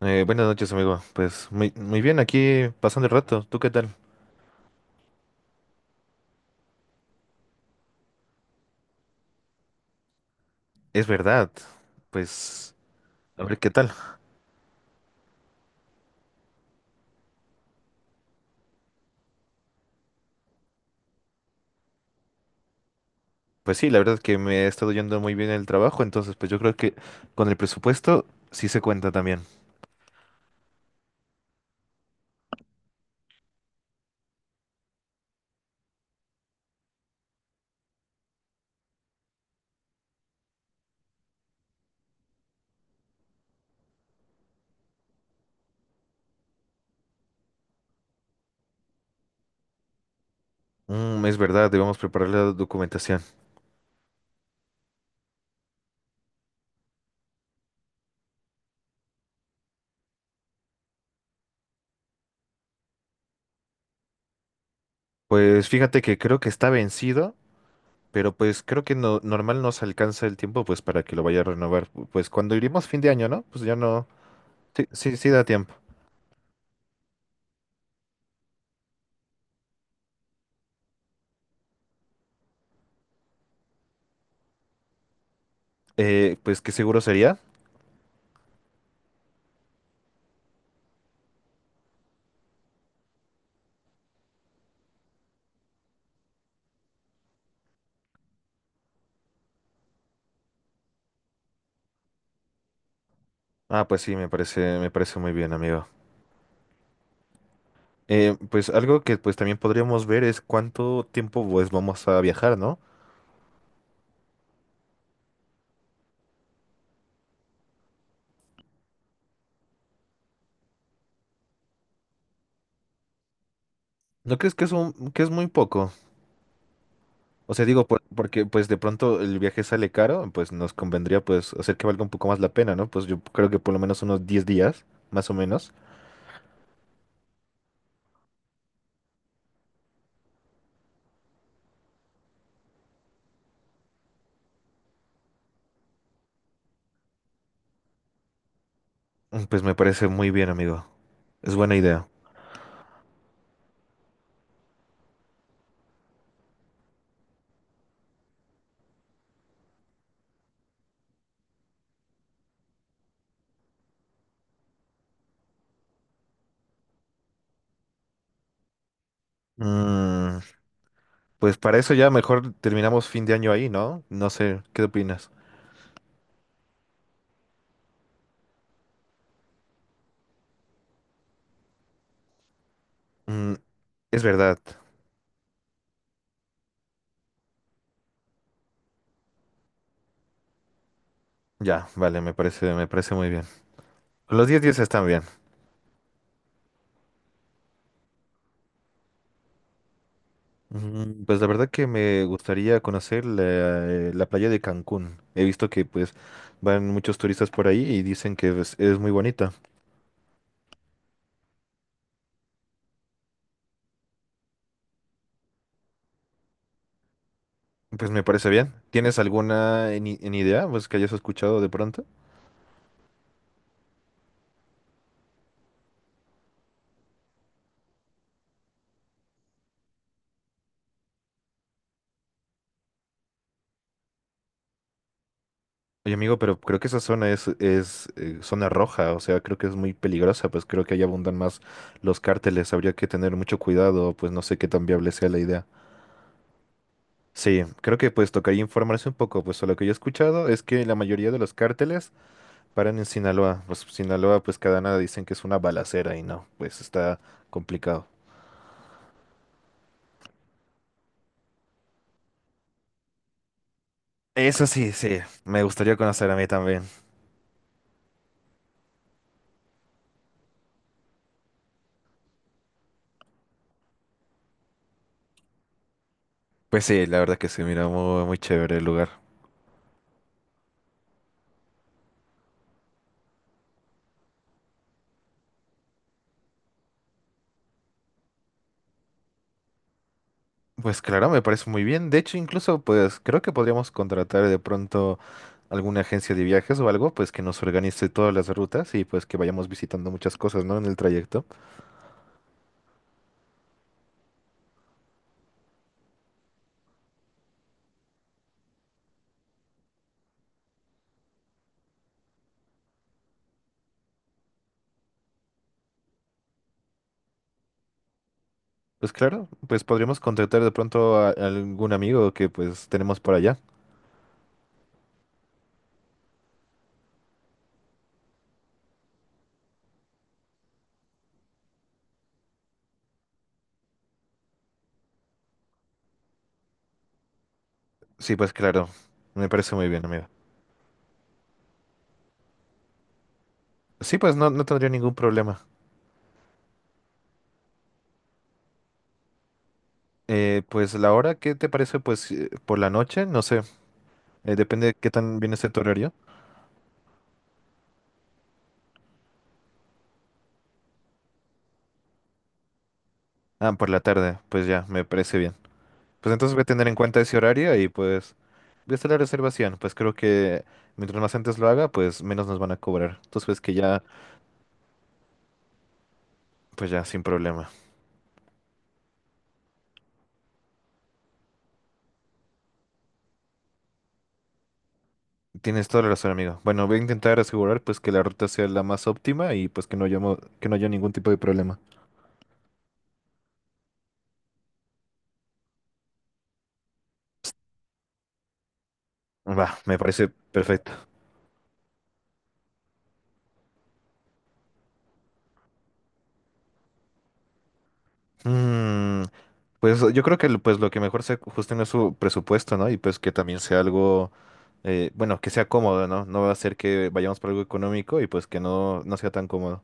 Buenas noches, amigo. Pues muy bien, aquí pasando el rato. ¿Tú qué tal? Es verdad. Pues a ver qué tal. Pues sí, la verdad es que me ha estado yendo muy bien el trabajo, entonces pues yo creo que con el presupuesto sí se cuenta también. Es verdad, debemos preparar la documentación. Pues fíjate que creo que está vencido, pero pues creo que no, normal nos alcanza el tiempo pues para que lo vaya a renovar. Pues cuando iremos fin de año, ¿no? Pues ya no. Sí, sí, sí da tiempo. Pues qué seguro sería. Ah, pues sí, me parece muy bien, amigo. Pues algo que pues también podríamos ver es cuánto tiempo pues vamos a viajar, ¿no? ¿No crees que es un- que es muy poco? O sea, digo, porque pues de pronto el viaje sale caro, pues nos convendría pues hacer que valga un poco más la pena, ¿no? Pues yo creo que por lo menos unos 10 días, más o menos. Pues me parece muy bien, amigo. Es buena idea. Mm, pues para eso ya mejor terminamos fin de año ahí, ¿no? No sé, ¿qué opinas? Mm, es verdad. Ya, vale, me parece muy bien. Los 10 días están bien. Pues la verdad que me gustaría conocer la, la playa de Cancún. He visto que pues van muchos turistas por ahí y dicen que pues, es muy bonita. Pues me parece bien. ¿Tienes alguna en idea pues que hayas escuchado de pronto? Oye amigo, pero creo que esa zona es zona roja, o sea, creo que es muy peligrosa, pues creo que ahí abundan más los cárteles. Habría que tener mucho cuidado, pues no sé qué tan viable sea la idea. Sí, creo que pues tocaría informarse un poco, pues a lo que yo he escuchado es que la mayoría de los cárteles paran en Sinaloa. Pues Sinaloa, pues Cadena dicen que es una balacera y no, pues está complicado. Eso sí, sí, me gustaría conocer a mí también. Pues sí, la verdad que se mira muy chévere el lugar. Pues claro, me parece muy bien. De hecho, incluso, pues creo que podríamos contratar de pronto alguna agencia de viajes o algo, pues que nos organice todas las rutas y pues que vayamos visitando muchas cosas, ¿no? En el trayecto. Pues claro, pues podríamos contratar de pronto a algún amigo que pues tenemos por allá. Sí, pues claro, me parece muy bien, amigo. Sí, pues no, no tendría ningún problema. Pues la hora, ¿qué te parece? Pues por la noche, no sé, depende de qué tan bien esté tu horario. Ah, por la tarde, pues ya, me parece bien. Pues entonces voy a tener en cuenta ese horario y pues voy a hacer la reservación. Pues creo que mientras más antes lo haga, pues menos nos van a cobrar. Entonces ves que ya, pues ya, sin problema. Tienes toda la razón, amigo. Bueno, voy a intentar asegurar pues que la ruta sea la más óptima y pues que no haya, que no haya ningún tipo de problema. Va, me parece perfecto. Mm, Pues yo creo que pues lo que mejor se ajusten es su presupuesto, ¿no? Y pues que también sea algo, bueno, que sea cómodo, ¿no? No va a ser que vayamos por algo económico y pues que no, no sea tan cómodo.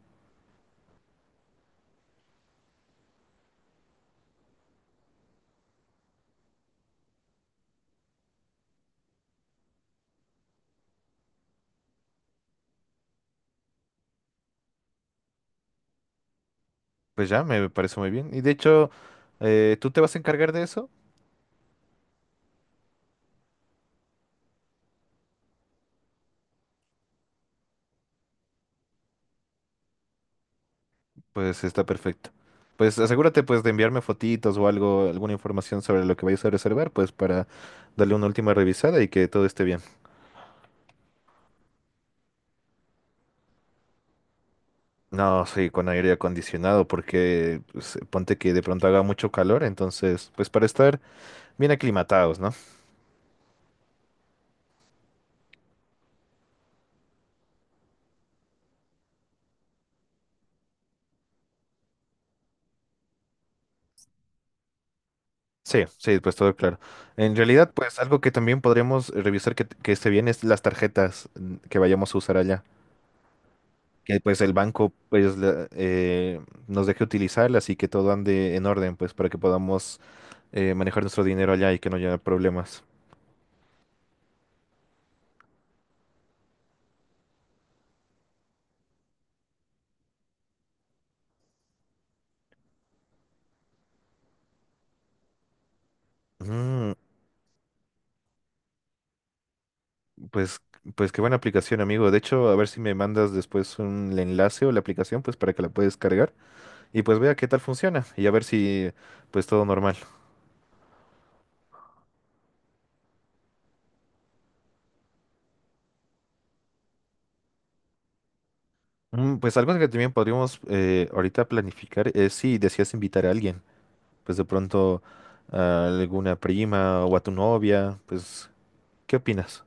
Pues ya, me parece muy bien. Y de hecho, ¿tú te vas a encargar de eso? Pues está perfecto. Pues asegúrate pues de enviarme fotitos o algo, alguna información sobre lo que vayas a reservar, pues para darle una última revisada y que todo esté bien. No, sí, con aire acondicionado, porque pues, ponte que de pronto haga mucho calor, entonces, pues para estar bien aclimatados, ¿no? Sí, sí, pues todo claro. En realidad, pues algo que también podremos revisar que esté bien es las tarjetas que vayamos a usar allá. Que pues el banco pues nos deje utilizarlas y que todo ande en orden, pues para que podamos manejar nuestro dinero allá y que no haya problemas. Mm, pues, pues qué buena aplicación, amigo. De hecho, a ver si me mandas después un enlace o la aplicación, pues para que la puedas cargar y pues vea qué tal funciona y a ver si pues todo normal. Pues algo que también podríamos ahorita planificar es si deseas invitar a alguien, pues de pronto a alguna prima o a tu novia, pues ¿qué opinas?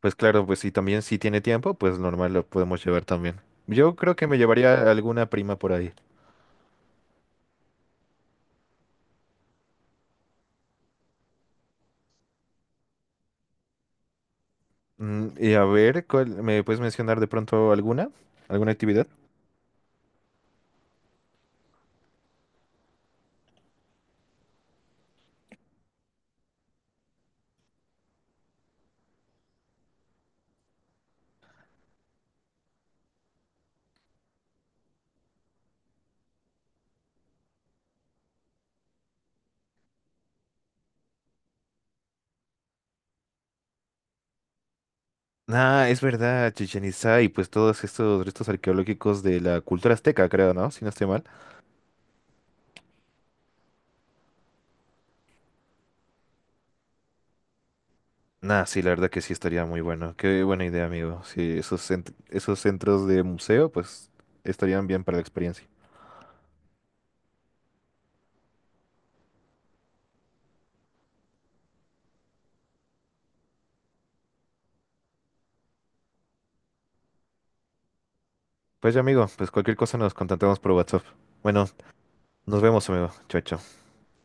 Pues claro, pues si también si tiene tiempo, pues normal lo podemos llevar también. Yo creo que me llevaría a alguna prima por ahí. Y a ver, ¿me puedes mencionar de pronto alguna? ¿Alguna actividad? Ah, es verdad, Chichén Itzá y pues todos estos restos arqueológicos de la cultura azteca, creo, ¿no? Si no estoy mal. Nah, sí, la verdad que sí estaría muy bueno. Qué buena idea, amigo. Sí, esos centros de museo, pues estarían bien para la experiencia. Pues ya, amigo, pues cualquier cosa nos contactamos por WhatsApp. Bueno, nos vemos, amigo. Chao, chao.